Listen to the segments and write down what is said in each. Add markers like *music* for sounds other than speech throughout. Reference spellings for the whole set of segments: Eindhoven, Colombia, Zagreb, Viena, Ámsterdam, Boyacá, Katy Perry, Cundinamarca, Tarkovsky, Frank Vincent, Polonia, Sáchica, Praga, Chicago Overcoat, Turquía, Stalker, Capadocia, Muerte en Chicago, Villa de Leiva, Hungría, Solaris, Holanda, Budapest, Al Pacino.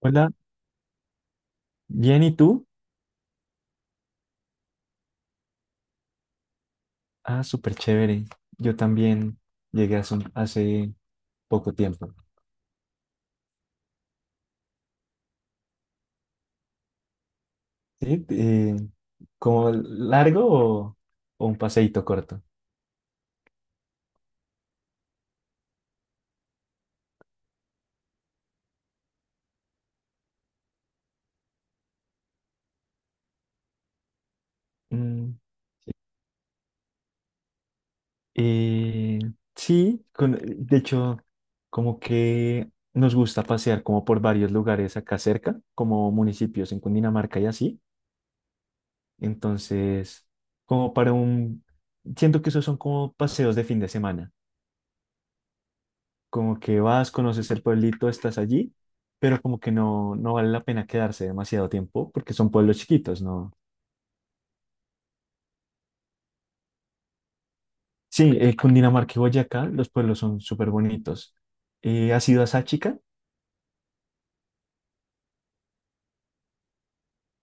Hola, bien, ¿y tú? Ah, súper chévere. Yo también llegué hace, hace poco tiempo. ¿Sí? ¿Como largo o, un paseíto corto? Mm, eh, sí, de hecho, como que nos gusta pasear como por varios lugares acá cerca, como municipios en Cundinamarca y así. Entonces, como para un... Siento que esos son como paseos de fin de semana. Como que vas, conoces el pueblito, estás allí, pero como que no vale la pena quedarse demasiado tiempo porque son pueblos chiquitos, ¿no? Sí, Cundinamarca y Boyacá, los pueblos son súper bonitos. ¿Has ido a Sáchica?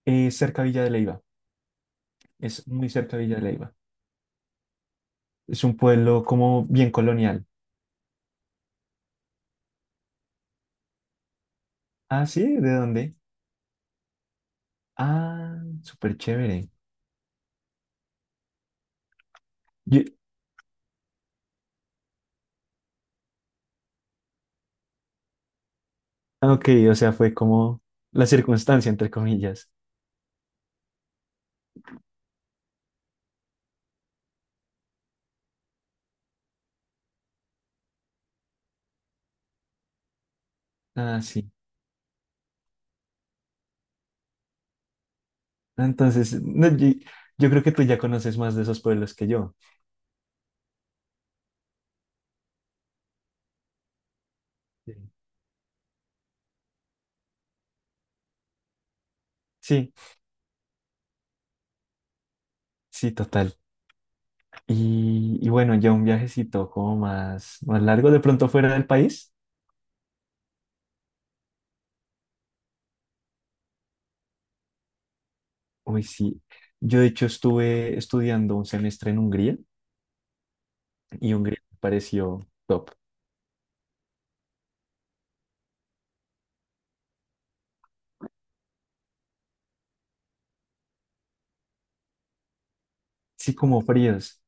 Es cerca de Villa de Leiva, es muy cerca de Villa de Leiva. Es un pueblo como bien colonial. Ah, sí, ¿de dónde? Ah, súper chévere. Yo- ah, ok, o sea, fue como la circunstancia, entre comillas. Ah, sí. Entonces, no, yo creo que tú ya conoces más de esos pueblos que yo. Sí, sí, sí, total. Y bueno, ya un viajecito como más, más largo, de pronto fuera del país. Uy, sí. Yo de hecho estuve estudiando un semestre en Hungría y Hungría me pareció top. Sí, como fríos.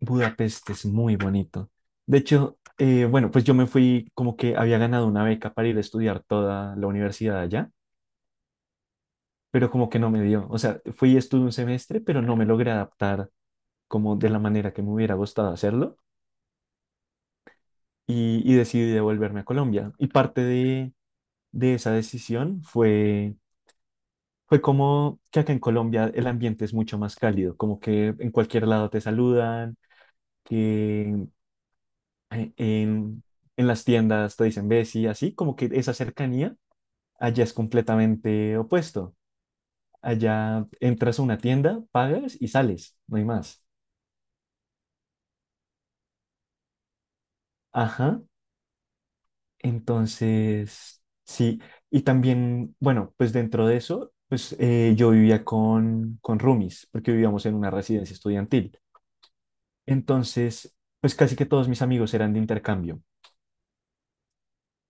Budapest es muy bonito. De hecho, bueno, pues yo me fui como que había ganado una beca para ir a estudiar toda la universidad allá, pero como que no me dio. O sea, fui y estuve un semestre, pero no me logré adaptar como de la manera que me hubiera gustado hacerlo. Y decidí devolverme a Colombia. Y parte de esa decisión fue como que acá en Colombia el ambiente es mucho más cálido, como que en cualquier lado te saludan, que en en las tiendas te dicen Bessie, así como que esa cercanía allá es completamente opuesto. Allá entras a una tienda, pagas y sales, no hay más. Ajá. Entonces, sí, y también, bueno, pues dentro de eso, pues yo vivía con roomies, porque vivíamos en una residencia estudiantil. Entonces, pues casi que todos mis amigos eran de intercambio.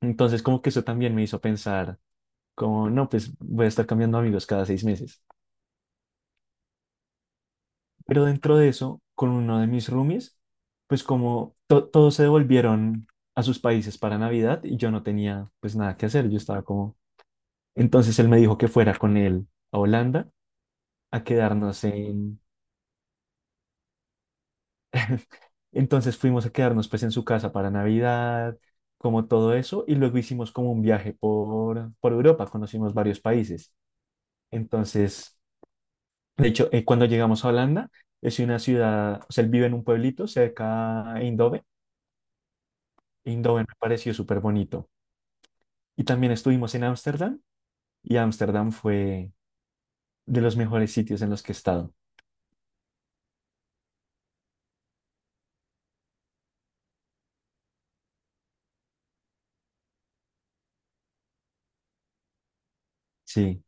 Entonces, como que eso también me hizo pensar, como, no, pues voy a estar cambiando amigos cada 6 meses. Pero dentro de eso, con uno de mis roomies, pues como todos se devolvieron a sus países para Navidad y yo no tenía pues nada que hacer, yo estaba como... Entonces él me dijo que fuera con él a Holanda a quedarnos en... Entonces fuimos a quedarnos pues en su casa para Navidad, como todo eso, y luego hicimos como un viaje por Europa, conocimos varios países. Entonces, de hecho, cuando llegamos a Holanda, es una ciudad, o sea, él vive en un pueblito cerca a Eindhoven. Eindhoven me pareció súper bonito. Y también estuvimos en Ámsterdam, y Ámsterdam fue de los mejores sitios en los que he estado. Sí,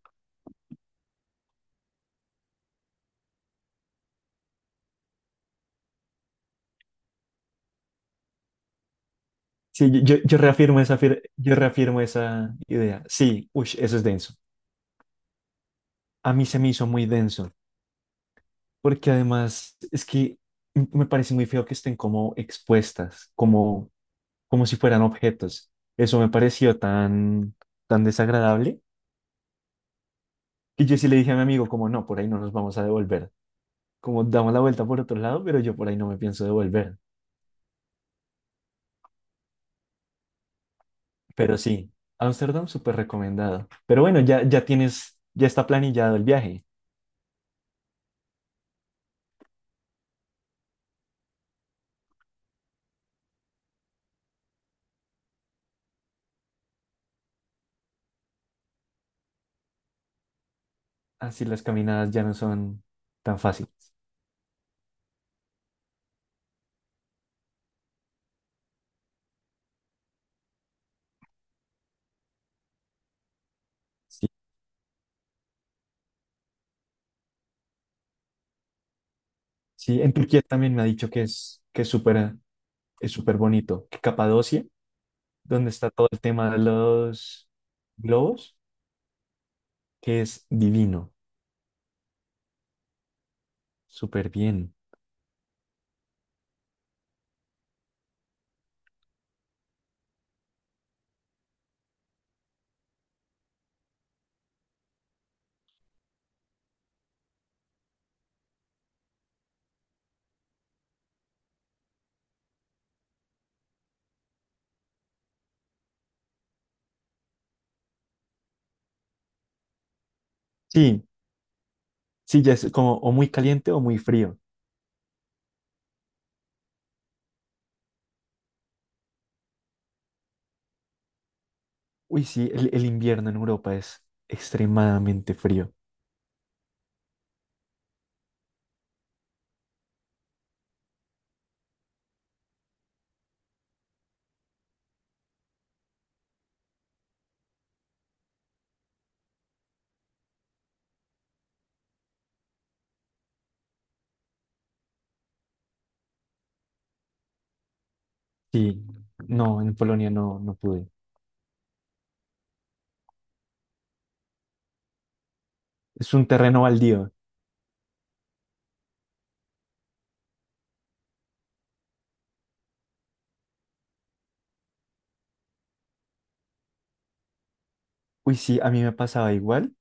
sí, yo reafirmo esa, yo reafirmo esa idea. Sí, uy, eso es denso. A mí se me hizo muy denso, porque además es que me parece muy feo que estén como expuestas, como, como si fueran objetos. Eso me pareció tan desagradable que yo sí le dije a mi amigo como, no, por ahí no nos vamos a devolver. Como damos la vuelta por otro lado, pero yo por ahí no me pienso devolver. Pero sí, Ámsterdam súper recomendado. Pero bueno, ya tienes, ya está planillado el viaje. Así las caminadas ya no son tan fáciles. Sí, sí, en Turquía también me ha dicho que es súper bonito. Que Capadocia, donde está todo el tema de los globos, que es divino, súper bien. Sí, sí, ya es como o muy caliente o muy frío. Uy, sí, el invierno en Europa es extremadamente frío. Sí, no, en Polonia no pude. Es un terreno baldío. Uy, sí, a mí me pasaba igual,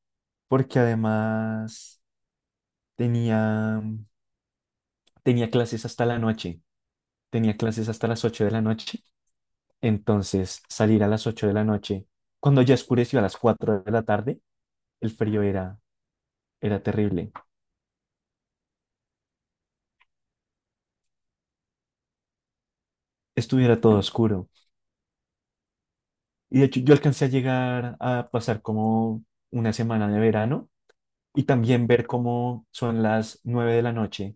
porque además tenía, tenía clases hasta la noche. Tenía clases hasta las 8 de la noche. Entonces, salir a las 8 de la noche, cuando ya oscureció a las 4 de la tarde, el era terrible. Estuviera todo oscuro. Y de hecho, yo alcancé a llegar a pasar como una semana de verano y también ver cómo son las 9 de la noche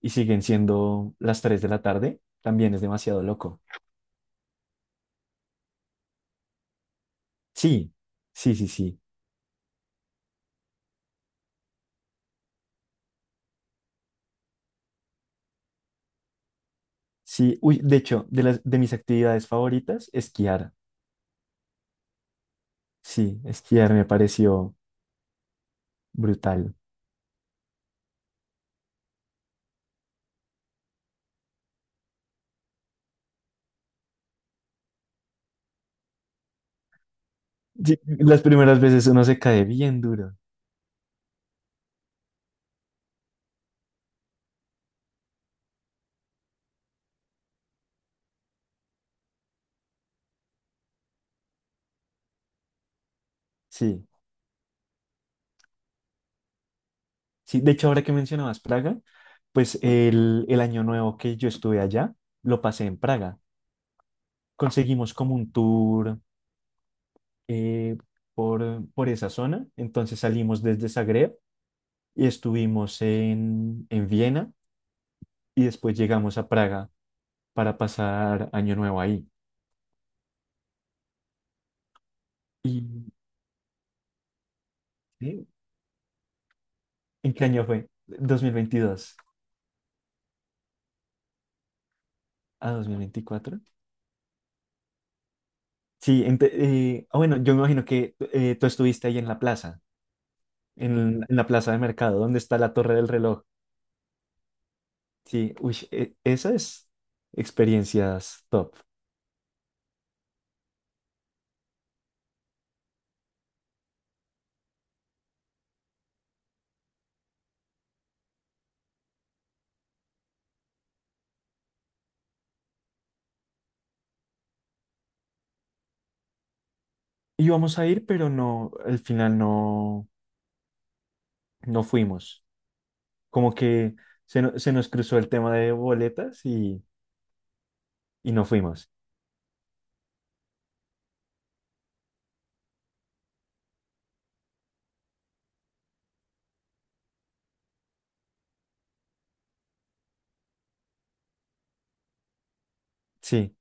y siguen siendo las 3 de la tarde, también es demasiado loco. Sí, sí, sí, sí. Sí, uy, de hecho, de las de mis actividades favoritas, esquiar. Sí, esquiar me pareció brutal. Sí, las primeras veces uno se cae bien duro. Sí, sí. De hecho, ahora que mencionabas Praga, pues el año nuevo que yo estuve allá, lo pasé en Praga. Conseguimos como un tour eh, por esa zona. Entonces salimos desde Zagreb y estuvimos en Viena y después llegamos a Praga para pasar año nuevo ahí. ¿Y sí, en qué año fue? 2022 a 2024. Sí, bueno, yo me imagino que tú estuviste ahí en la plaza, en la plaza de mercado, donde está la torre del reloj. Sí, uy, esa es experiencias top. Íbamos a ir, pero no, al final no, no fuimos. Como que se, no- se nos cruzó el tema de y no fuimos. Sí,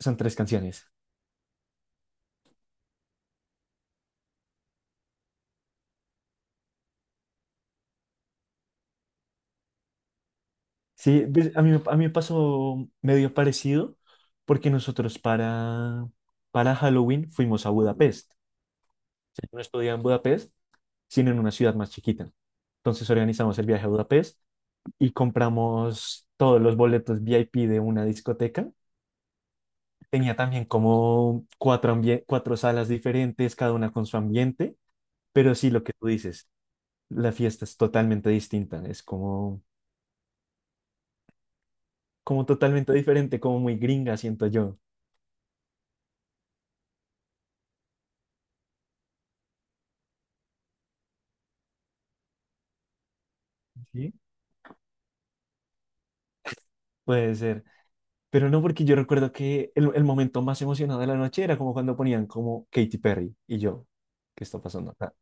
son tres canciones. Sí, pues, a mí me pasó medio parecido, porque nosotros para Halloween fuimos a Budapest. Yo no estudiaba en Budapest sino en una ciudad más chiquita. Entonces organizamos el viaje a Budapest y compramos todos los boletos VIP de una discoteca. Tenía también como cuatro, cuatro salas diferentes, cada una con su ambiente, pero sí lo que tú dices, la fiesta es totalmente distinta, es como, como totalmente diferente, como muy gringa, siento yo. ¿Sí? Puede ser, pero no porque yo recuerdo que el momento más emocionado de la noche era como cuando ponían como Katy Perry y yo, ¿qué está pasando acá?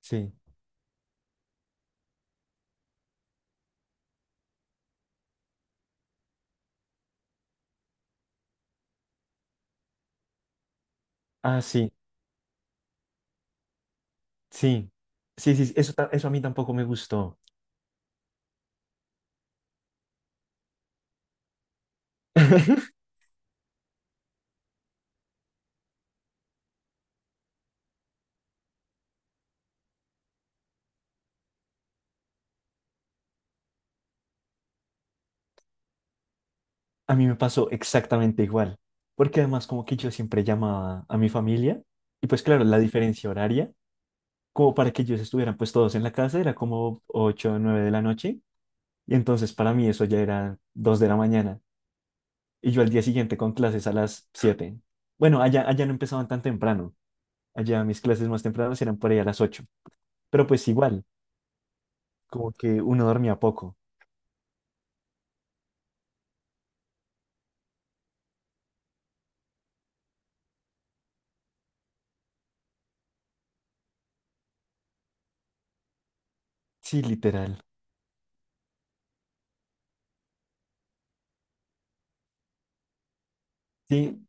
Sí. Ah, sí. Sí, sí, sí, eso a mí tampoco me gustó. *laughs* A mí me pasó exactamente igual, porque además como que yo siempre llamaba a mi familia y pues claro, la diferencia horaria, como para que ellos estuvieran pues todos en la casa, era como 8 o 9 de la noche y entonces para mí eso ya era 2 de la mañana y yo al día siguiente con clases a las 7. Bueno, allá no empezaban tan temprano, allá mis clases más tempranas eran por ahí a las 8. Pero pues igual, como que uno dormía poco. Sí, literal. Sí,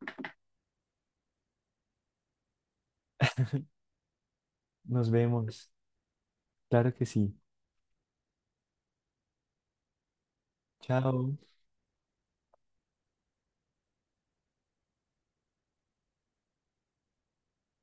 nos vemos. Claro que sí. Chao.